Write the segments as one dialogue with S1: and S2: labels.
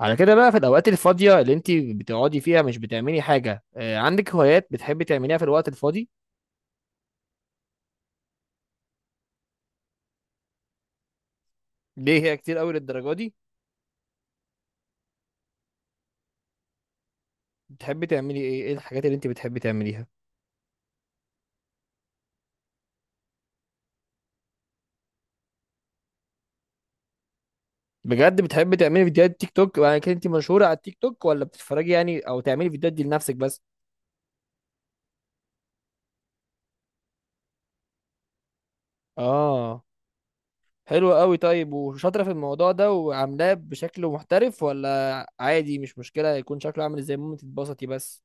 S1: على كده بقى، في الأوقات الفاضية اللي أنت بتقعدي فيها مش بتعملي حاجة، عندك هوايات بتحبي تعمليها في الوقت الفاضي؟ ليه هي كتير أوي للدرجة دي؟ بتحبي تعملي إيه؟ إيه الحاجات اللي أنت بتحبي تعمليها؟ بجد بتحبي تعملي فيديوهات تيك توك؟ يعني كده أنت مشهورة على التيك توك ولا بتتفرجي يعني، أو تعملي فيديوهات دي لنفسك بس؟ آه. حلو أوي. طيب، وشاطرة في الموضوع ده وعاملاه بشكل محترف ولا عادي؟ مش مشكلة يكون شكله عامل إزاي، المهم تتبسطي بس.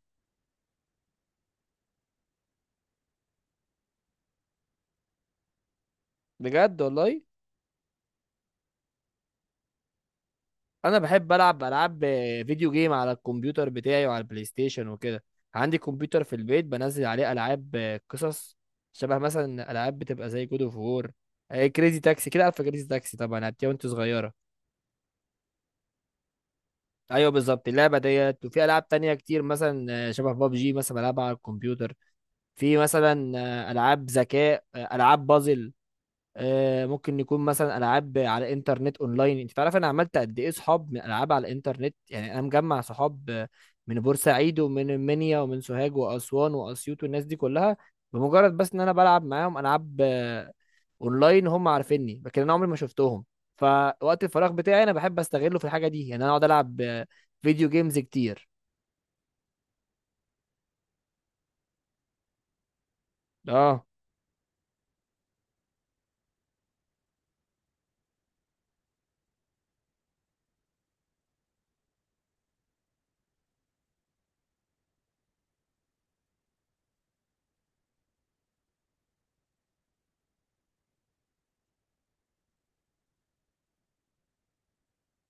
S1: بجد والله؟ انا بحب العب العاب فيديو جيم على الكمبيوتر بتاعي وعلى البلاي ستيشن وكده. عندي كمبيوتر في البيت بنزل عليه العاب قصص، شبه مثلا العاب بتبقى زي جود اوف وور، كريزي تاكسي. كده عارفه كريزي تاكسي طبعا لعبتيها وانت صغيره. ايوه بالظبط اللعبه ديت. وفي العاب تانية كتير، مثلا شبه بابجي مثلا بلعبها على الكمبيوتر. في مثلا العاب ذكاء، العاب بازل، ممكن يكون مثلا العاب على انترنت اونلاين. انت تعرف انا عملت قد ايه صحاب من العاب على الانترنت؟ يعني انا مجمع صحاب من بورسعيد ومن المنيا ومن سوهاج واسوان واسيوط والناس دي كلها، بمجرد بس ان انا بلعب معاهم العاب اونلاين. هم عارفيني، لكن انا عمري ما شفتهم. فوقت الفراغ بتاعي انا بحب استغله في الحاجه دي، يعني انا اقعد العب فيديو جيمز كتير. اه.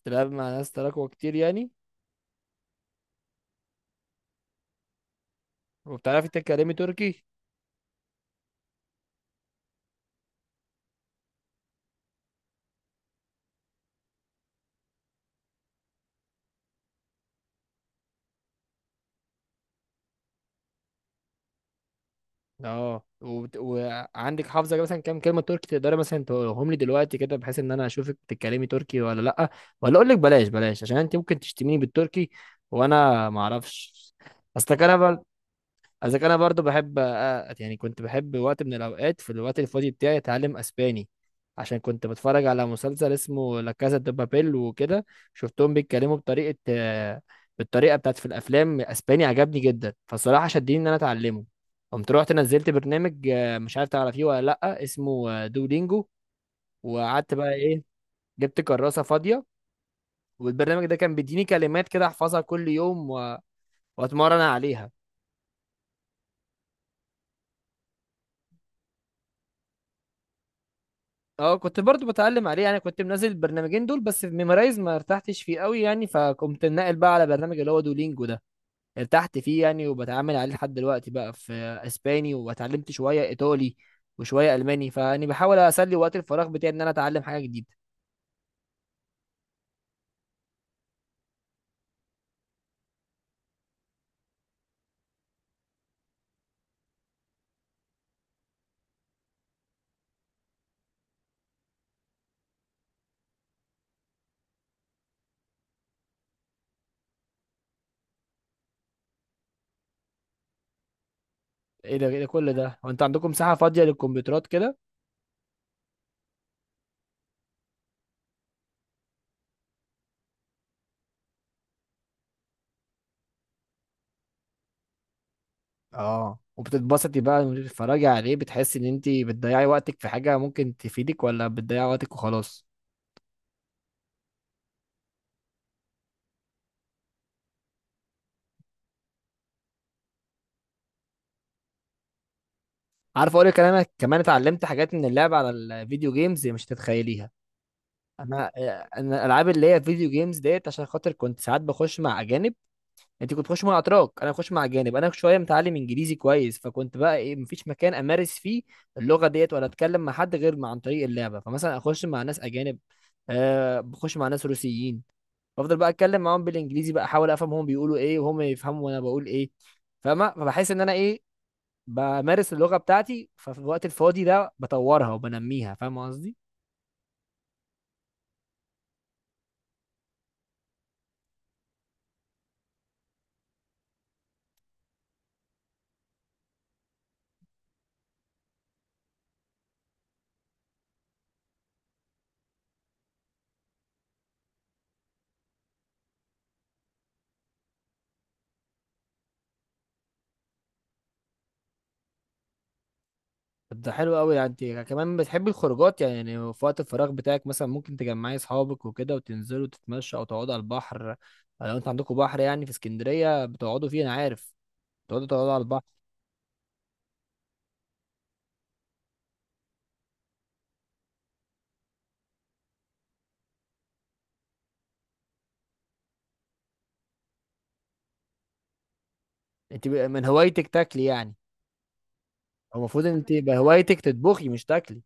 S1: تلعب مع ناس تراكوة كتير يعني؟ وبتعرفي تتكلمي تركي؟ اه. وعندك حافظه مثلا كام كلمه تركي تقدري مثلا تقولهم لي دلوقتي كده، بحيث ان انا اشوفك بتتكلمي تركي ولا لا؟ ولا اقول لك بلاش بلاش عشان انت ممكن تشتميني بالتركي وانا ما اعرفش. اصلك انا، اذا كان انا برضو بحب يعني كنت بحب وقت من الاوقات في الوقت الفاضي بتاعي اتعلم اسباني، عشان كنت بتفرج على مسلسل اسمه لا كاسا دي بابيل وكده. شفتهم بيتكلموا بطريقه، بالطريقه بتاعت في الافلام، اسباني عجبني جدا، فالصراحه شدني ان انا اتعلمه. قمت رحت نزلت برنامج، مش عارف تعرفيه ولا لا، اسمه دولينجو. وقعدت بقى ايه، جبت كراسه فاضيه، والبرنامج ده كان بيديني كلمات كده احفظها كل يوم واتمرن عليها. اه، كنت برضو بتعلم عليه يعني، كنت منزل البرنامجين دول، بس في ميمرايز ما ارتحتش فيه قوي يعني، فقمت ناقل بقى على برنامج اللي هو دولينجو ده. ارتحت فيه يعني، وبتعامل عليه لحد دلوقتي بقى في اسباني، واتعلمت شوية ايطالي وشوية الماني، فاني بحاول اسلي وقت الفراغ بتاعي ان انا اتعلم حاجة جديدة. ايه ده، ايه ده كل ده؟ هو انت عندكم مساحة فاضية للكمبيوترات كده؟ اه، وبتتبسطي بقى وانت بتتفرجي عليه؟ بتحسي ان انت بتضيعي وقتك في حاجة ممكن تفيدك، ولا بتضيعي وقتك وخلاص؟ عارف، اقول لك، انا كمان اتعلمت حاجات من اللعب على الفيديو جيمز مش تتخيليها. انا الالعاب اللي هي فيديو جيمز ديت، عشان خاطر كنت ساعات بخش مع اجانب. انت كنت بتخش مع اتراك، انا بخش مع اجانب. انا شويه متعلم انجليزي كويس، فكنت بقى ايه، مفيش مكان امارس فيه اللغه ديت ولا اتكلم مع حد، غير عن طريق اللعبه. فمثلا اخش مع ناس اجانب، بخش مع ناس روسيين، بفضل بقى اتكلم معاهم بالانجليزي، بقى احاول افهم هم بيقولوا ايه، وهم يفهموا وانا بقول ايه، فاهمه؟ فبحس ان انا ايه، بمارس اللغة بتاعتي. ففي الوقت الفاضي ده بطورها وبنميها، فاهم قصدي؟ طب ده حلو قوي. يعني انت كمان بتحبي الخروجات يعني في وقت الفراغ بتاعك مثلا ممكن تجمعي اصحابك وكده وتنزلوا تتمشوا او تقعدوا على البحر، لو انت عندكم بحر يعني في اسكندرية بتقعدوا فيه انا عارف. بتقعدوا على البحر. انت بقى من هوايتك تاكلي يعني؟ هو المفروض ان انت بهوايتك تطبخي مش تاكلي.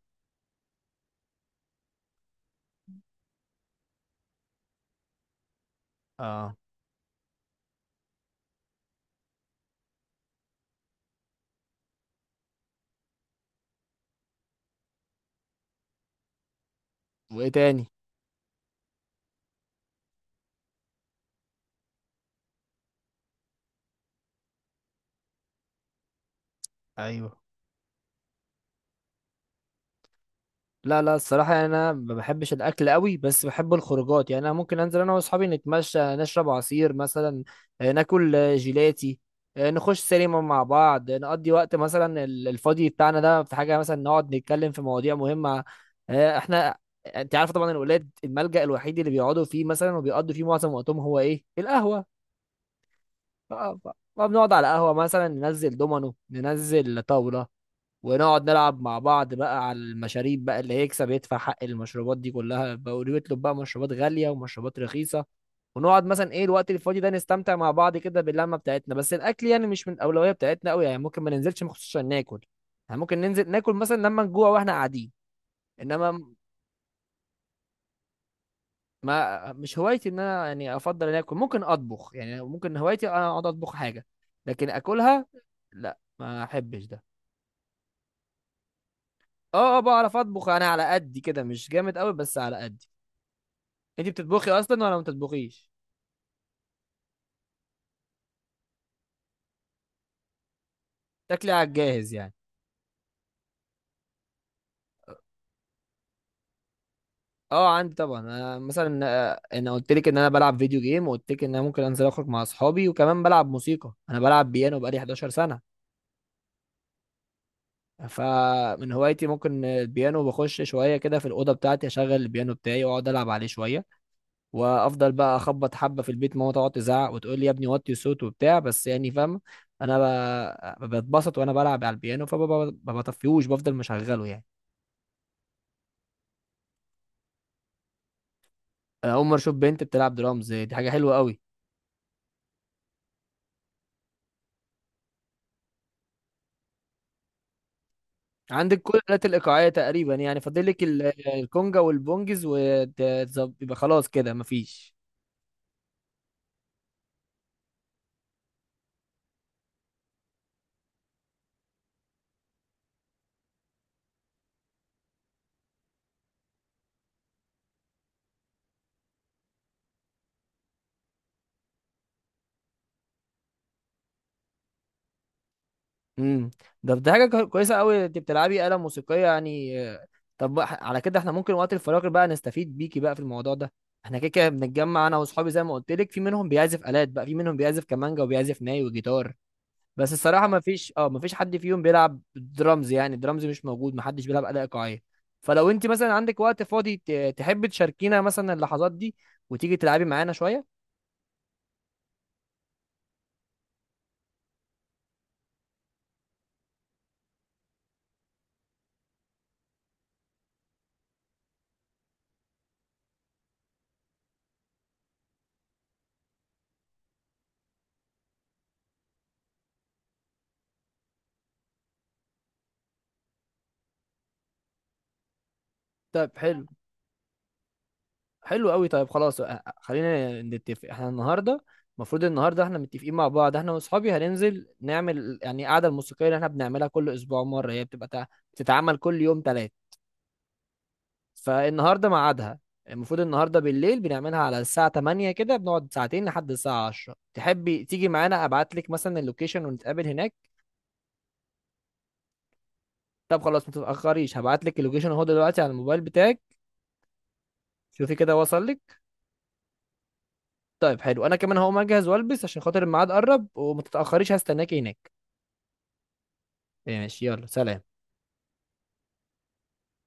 S1: اه. وايه تاني؟ ايوه. لا، لا، الصراحة يعني أنا ما بحبش الأكل قوي، بس بحب الخروجات، يعني أنا ممكن أنزل أنا وأصحابي نتمشى، نشرب عصير مثلا، ناكل جيلاتي، نخش سينما مع بعض، نقضي وقت مثلا الفاضي بتاعنا ده في حاجة مثلا نقعد نتكلم في مواضيع مهمة، آه، إحنا أنت عارف طبعا الولاد، الملجأ الوحيد اللي بيقعدوا فيه مثلا وبيقضوا فيه معظم وقتهم هو إيه؟ القهوة. آه، ف- فبنقعد على قهوة مثلا، ننزل دومينو، ننزل طاولة، ونقعد نلعب مع بعض بقى على المشاريب بقى، اللي هيكسب يدفع حق المشروبات دي كلها بقى، ويطلب بقى مشروبات غالية ومشروبات رخيصة، ونقعد مثلا ايه الوقت الفاضي ده نستمتع مع بعض كده باللمة بتاعتنا. بس الأكل يعني مش من الأولوية بتاعتنا قوي، يعني ممكن ما ننزلش مخصوص عشان ناكل، يعني ممكن ننزل ناكل مثلا لما نجوع واحنا قاعدين، انما ما مش هوايتي ان انا يعني افضل ان اكل. ممكن اطبخ يعني، ممكن هوايتي انا اقعد اطبخ حاجة، لكن اكلها لا ما احبش ده. اه، اه، بعرف اطبخ، انا على قدي كده مش جامد قوي، بس على قدي. انت بتطبخي اصلا ولا ما بتطبخيش؟ تاكلي على الجاهز يعني؟ اه، عندي طبعا. انا مثلا انا قلت لك ان انا بلعب فيديو جيم، وقلت لك ان انا ممكن انزل اخرج مع اصحابي، وكمان بلعب موسيقى. انا بلعب بيانو بقالي 11 سنه. فمن هوايتي ممكن البيانو، بخش شويه كده في الاوضه بتاعتي، اشغل البيانو بتاعي واقعد العب عليه شويه، وافضل بقى اخبط حبه في البيت، ماما تقعد تزعق وتقول لي يا ابني وطي صوت وبتاع، بس يعني فاهم، انا بتبسط وانا بلعب على البيانو، فما بطفيهوش، بفضل مشغله يعني. انا اول مره اشوف بنت بتلعب درامز، دي حاجه حلوه قوي. عندك كل الالات الايقاعيه تقريبا يعني، فاضل لك الكونجا والبونجز، ويبقى خلاص كده مفيش. امم ده حاجه كويسه قوي، انت بتلعبي آلة موسيقيه يعني. طب بقى على كده احنا ممكن وقت الفراغ بقى نستفيد بيكي بقى في الموضوع ده. احنا كده كده بنتجمع انا واصحابي، زي ما قلت لك، في منهم بيعزف آلات بقى، في منهم بيعزف كمانجا وبيعزف ناي وجيتار، بس الصراحه ما فيش حد فيهم بيلعب درامز، يعني درامز مش موجود، ما حدش بيلعب اداء ايقاعيه. فلو انت مثلا عندك وقت فاضي تحب تشاركينا مثلا اللحظات دي، وتيجي تلعبي معانا شويه. طيب حلو، حلو قوي. طيب خلاص، خلينا نتفق احنا النهارده. المفروض النهارده احنا متفقين مع بعض، احنا واصحابي هننزل نعمل يعني القعده الموسيقيه اللي احنا بنعملها كل اسبوع مره، هي بتبقى بتتعمل كل يوم ثلاث، فالنهارده ميعادها. المفروض النهارده بالليل بنعملها على الساعة 8 كده، بنقعد ساعتين لحد الساعة 10. تحبي تيجي معانا؟ ابعت لك مثلا اللوكيشن ونتقابل هناك. طب خلاص ما تتأخريش. هبعت لك اللوكيشن اهو دلوقتي على الموبايل بتاعك. شوفي كده، وصل لك؟ طيب حلو، انا كمان هقوم اجهز والبس عشان خاطر الميعاد قرب، وما تتأخريش، هستناكي هناك. ماشي، يلا سلام.